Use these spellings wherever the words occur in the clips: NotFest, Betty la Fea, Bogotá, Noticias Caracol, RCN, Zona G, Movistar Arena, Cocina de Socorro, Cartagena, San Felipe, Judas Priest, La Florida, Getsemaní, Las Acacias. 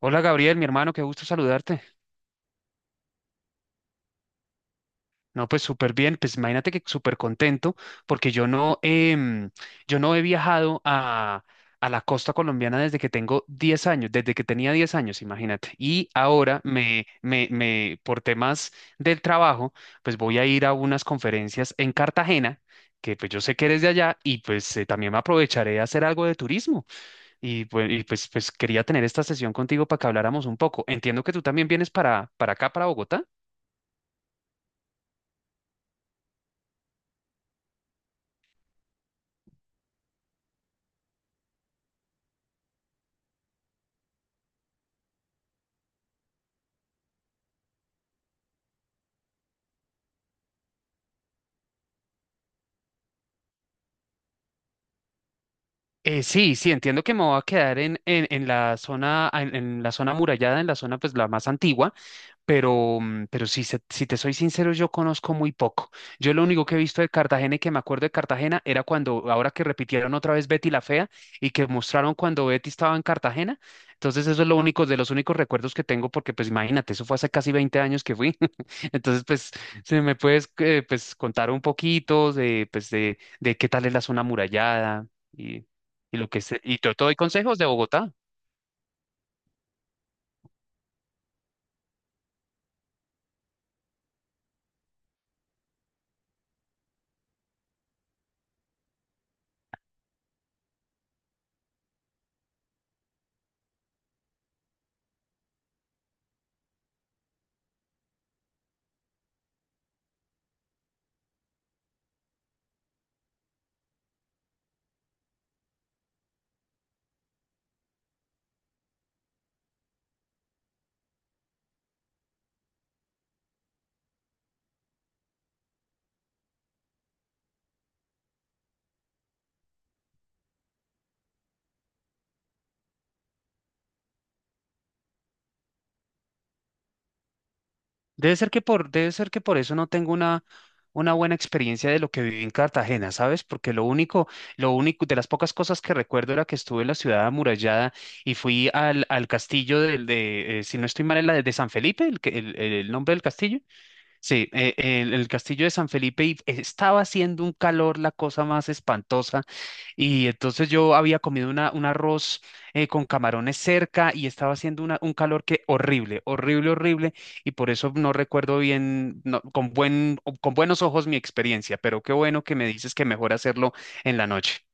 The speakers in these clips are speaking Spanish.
Hola Gabriel, mi hermano, qué gusto saludarte. No, pues súper bien, pues imagínate que súper contento porque yo no, yo no he viajado a la costa colombiana desde que tengo 10 años, desde que tenía 10 años, imagínate. Y ahora me, por temas del trabajo, pues voy a ir a unas conferencias en Cartagena, que pues yo sé que eres de allá y pues también me aprovecharé a hacer algo de turismo. Y pues quería tener esta sesión contigo para que habláramos un poco. Entiendo que tú también vienes para acá, para Bogotá. Sí, sí, entiendo que me voy a quedar en la zona, en la zona amurallada, en la zona pues la más antigua, pero, mm, pero si te soy sincero, yo conozco muy poco. Yo lo único que he visto de Cartagena y que me acuerdo de Cartagena era cuando, ahora que repitieron otra vez Betty la Fea y que mostraron cuando Betty estaba en Cartagena. Entonces eso es lo único, de los únicos recuerdos que tengo, porque pues imagínate, eso fue hace casi 20 años que fui. Entonces pues, si me puedes pues, contar un poquito de, pues, de qué tal es la zona amurallada y, y lo que se, y te doy consejos de Bogotá. Debe ser que por, debe ser que por eso no tengo una buena experiencia de lo que viví en Cartagena, ¿sabes? Porque lo único, de las pocas cosas que recuerdo era que estuve en la ciudad amurallada y fui al, al castillo del de, si no estoy mal, es la de San Felipe, el, que- el nombre del castillo. Sí, el castillo de San Felipe y estaba haciendo un calor, la cosa más espantosa. Y entonces yo había comido una, un arroz con camarones cerca y estaba haciendo una- un calor que horrible, horrible, horrible. Y por eso no recuerdo bien, no- con buen, con buenos ojos mi experiencia, pero qué bueno que me dices que mejor hacerlo en la noche.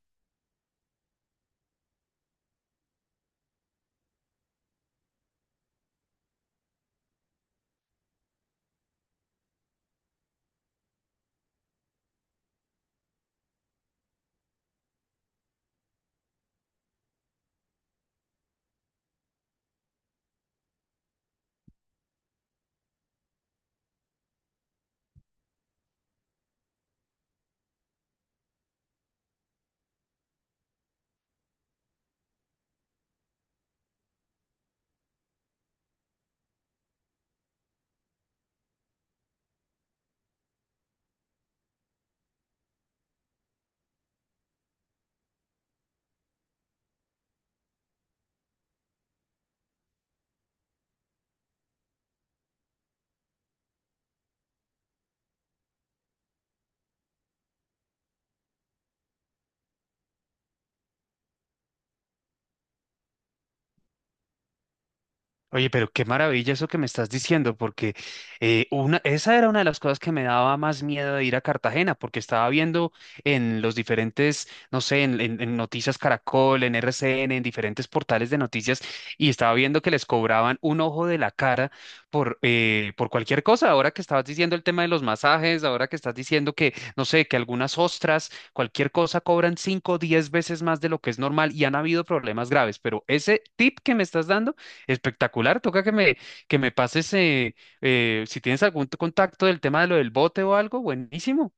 Oye, pero qué maravilla eso que me estás diciendo, porque una, esa era una de las cosas que me daba más miedo de ir a Cartagena, porque estaba viendo en los diferentes, no sé, en Noticias Caracol, en RCN, en diferentes portales de noticias, y estaba viendo que les cobraban un ojo de la cara por cualquier cosa. Ahora que estabas diciendo el tema de los masajes, ahora que estás diciendo que, no sé, que algunas ostras, cualquier cosa cobran 5 o 10 veces más de lo que es normal, y han habido problemas graves, pero ese tip que me estás dando espectacular, toca que me pases, si tienes algún t- contacto del tema de lo del bote o algo, buenísimo.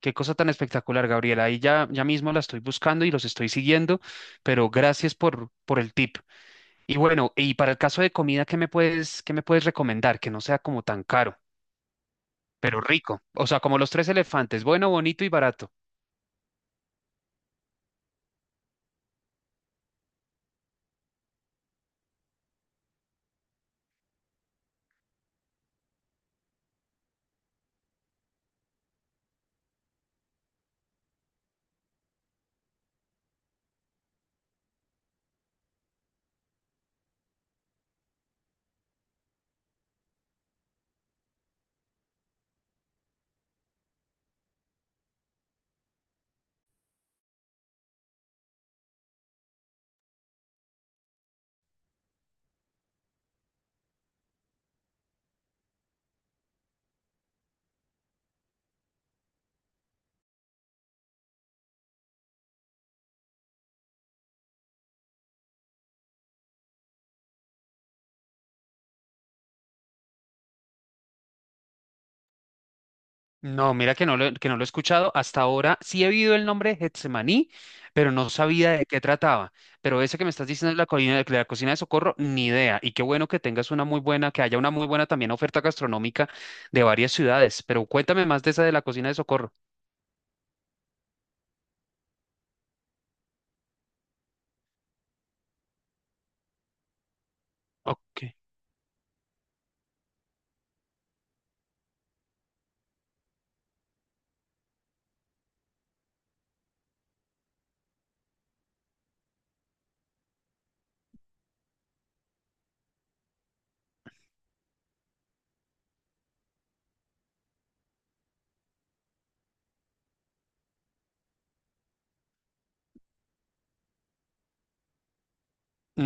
Qué cosa tan espectacular, Gabriela. Ahí ya, ya mismo la estoy buscando y los estoy siguiendo, pero gracias por el tip. Y bueno, y para el caso de comida, qué me puedes recomendar? Que no sea como tan caro, pero rico. O sea, como los tres elefantes, bueno, bonito y barato. No, mira que no lo he escuchado hasta ahora. Sí he oído el nombre de Getsemaní, pero no sabía de qué trataba. Pero ese que me estás diciendo de la cocina de Socorro, ni idea. Y qué bueno que tengas una muy buena, que haya una muy buena también oferta gastronómica de varias ciudades. Pero cuéntame más de esa de la cocina de Socorro. Ok.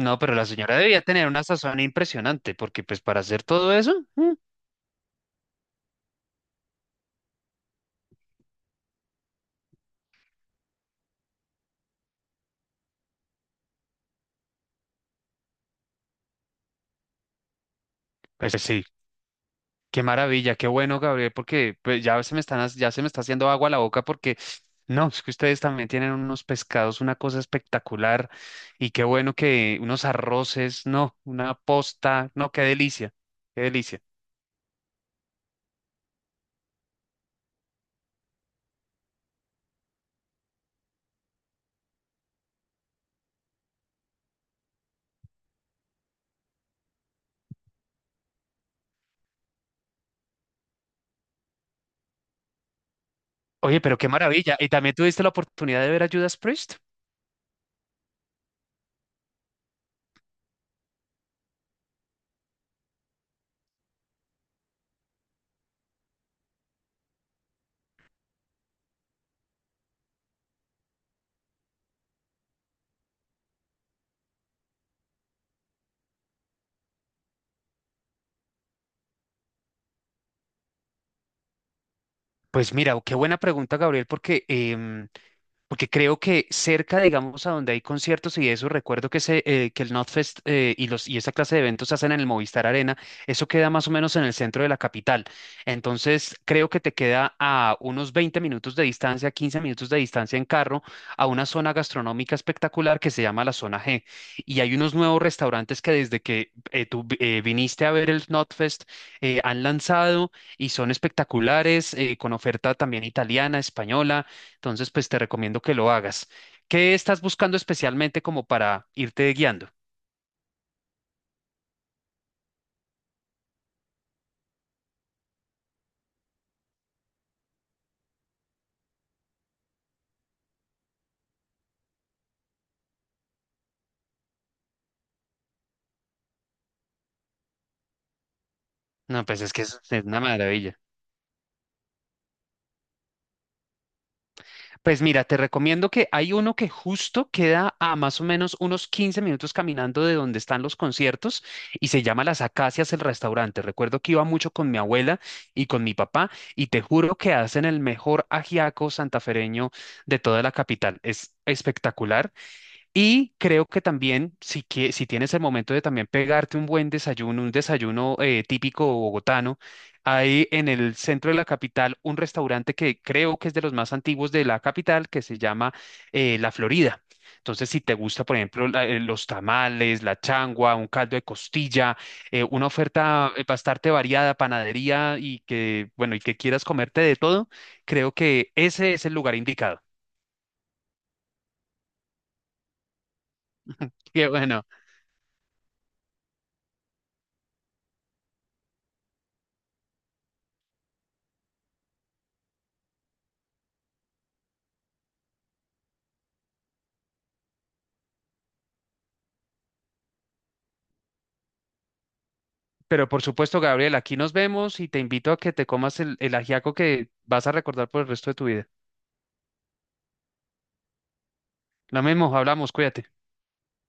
No, pero la señora debía tener una sazón impresionante, porque pues para hacer todo eso, mm, pues sí. Qué maravilla, qué bueno, Gabriel, porque pues, ya se me están, hac- ya se me está haciendo agua a la boca porque no, es que ustedes también tienen unos pescados, una cosa espectacular y qué bueno que unos arroces, no, una posta, no, qué delicia, qué delicia. Oye, pero qué maravilla. ¿Y también tuviste la oportunidad de ver a Judas Priest? Pues mira, qué buena pregunta, Gabriel, porque porque creo que cerca, digamos, a donde hay conciertos y eso, recuerdo que, se, que el NotFest y esa clase de eventos se hacen en el Movistar Arena, eso queda más o menos en el centro de la capital. Entonces, creo que te queda a unos 20 minutos de distancia, 15 minutos de distancia en carro, a una zona gastronómica espectacular que se llama la Zona G. Y hay unos nuevos restaurantes que desde que tú viniste a ver el NotFest han lanzado y son espectaculares, con oferta también italiana, española, entonces, pues te recomiendo que lo hagas. ¿Qué estás buscando especialmente como para irte guiando? No, pues es que es una maravilla. Pues mira, te recomiendo que hay uno que justo queda a más o menos unos 15 minutos caminando de donde están los conciertos y se llama Las Acacias el restaurante. Recuerdo que iba mucho con mi abuela y con mi papá y te juro que hacen el mejor ajiaco santafereño de toda la capital. Es espectacular. Y creo que también, si, que, si tienes el momento de también pegarte un buen desayuno, un desayuno típico bogotano, hay en el centro de la capital un restaurante que creo que es de los más antiguos de la capital, que se llama La Florida. Entonces, si te gusta, por ejemplo, la- los tamales, la changua, un caldo de costilla, una oferta bastante variada, panadería y que, bueno, y que quieras comerte de todo, creo que ese es el lugar indicado. Qué bueno. Pero por supuesto, Gabriel, aquí nos vemos y te invito a que te comas el ajiaco que vas a recordar por el resto de tu vida. Lo mismo, hablamos, cuídate.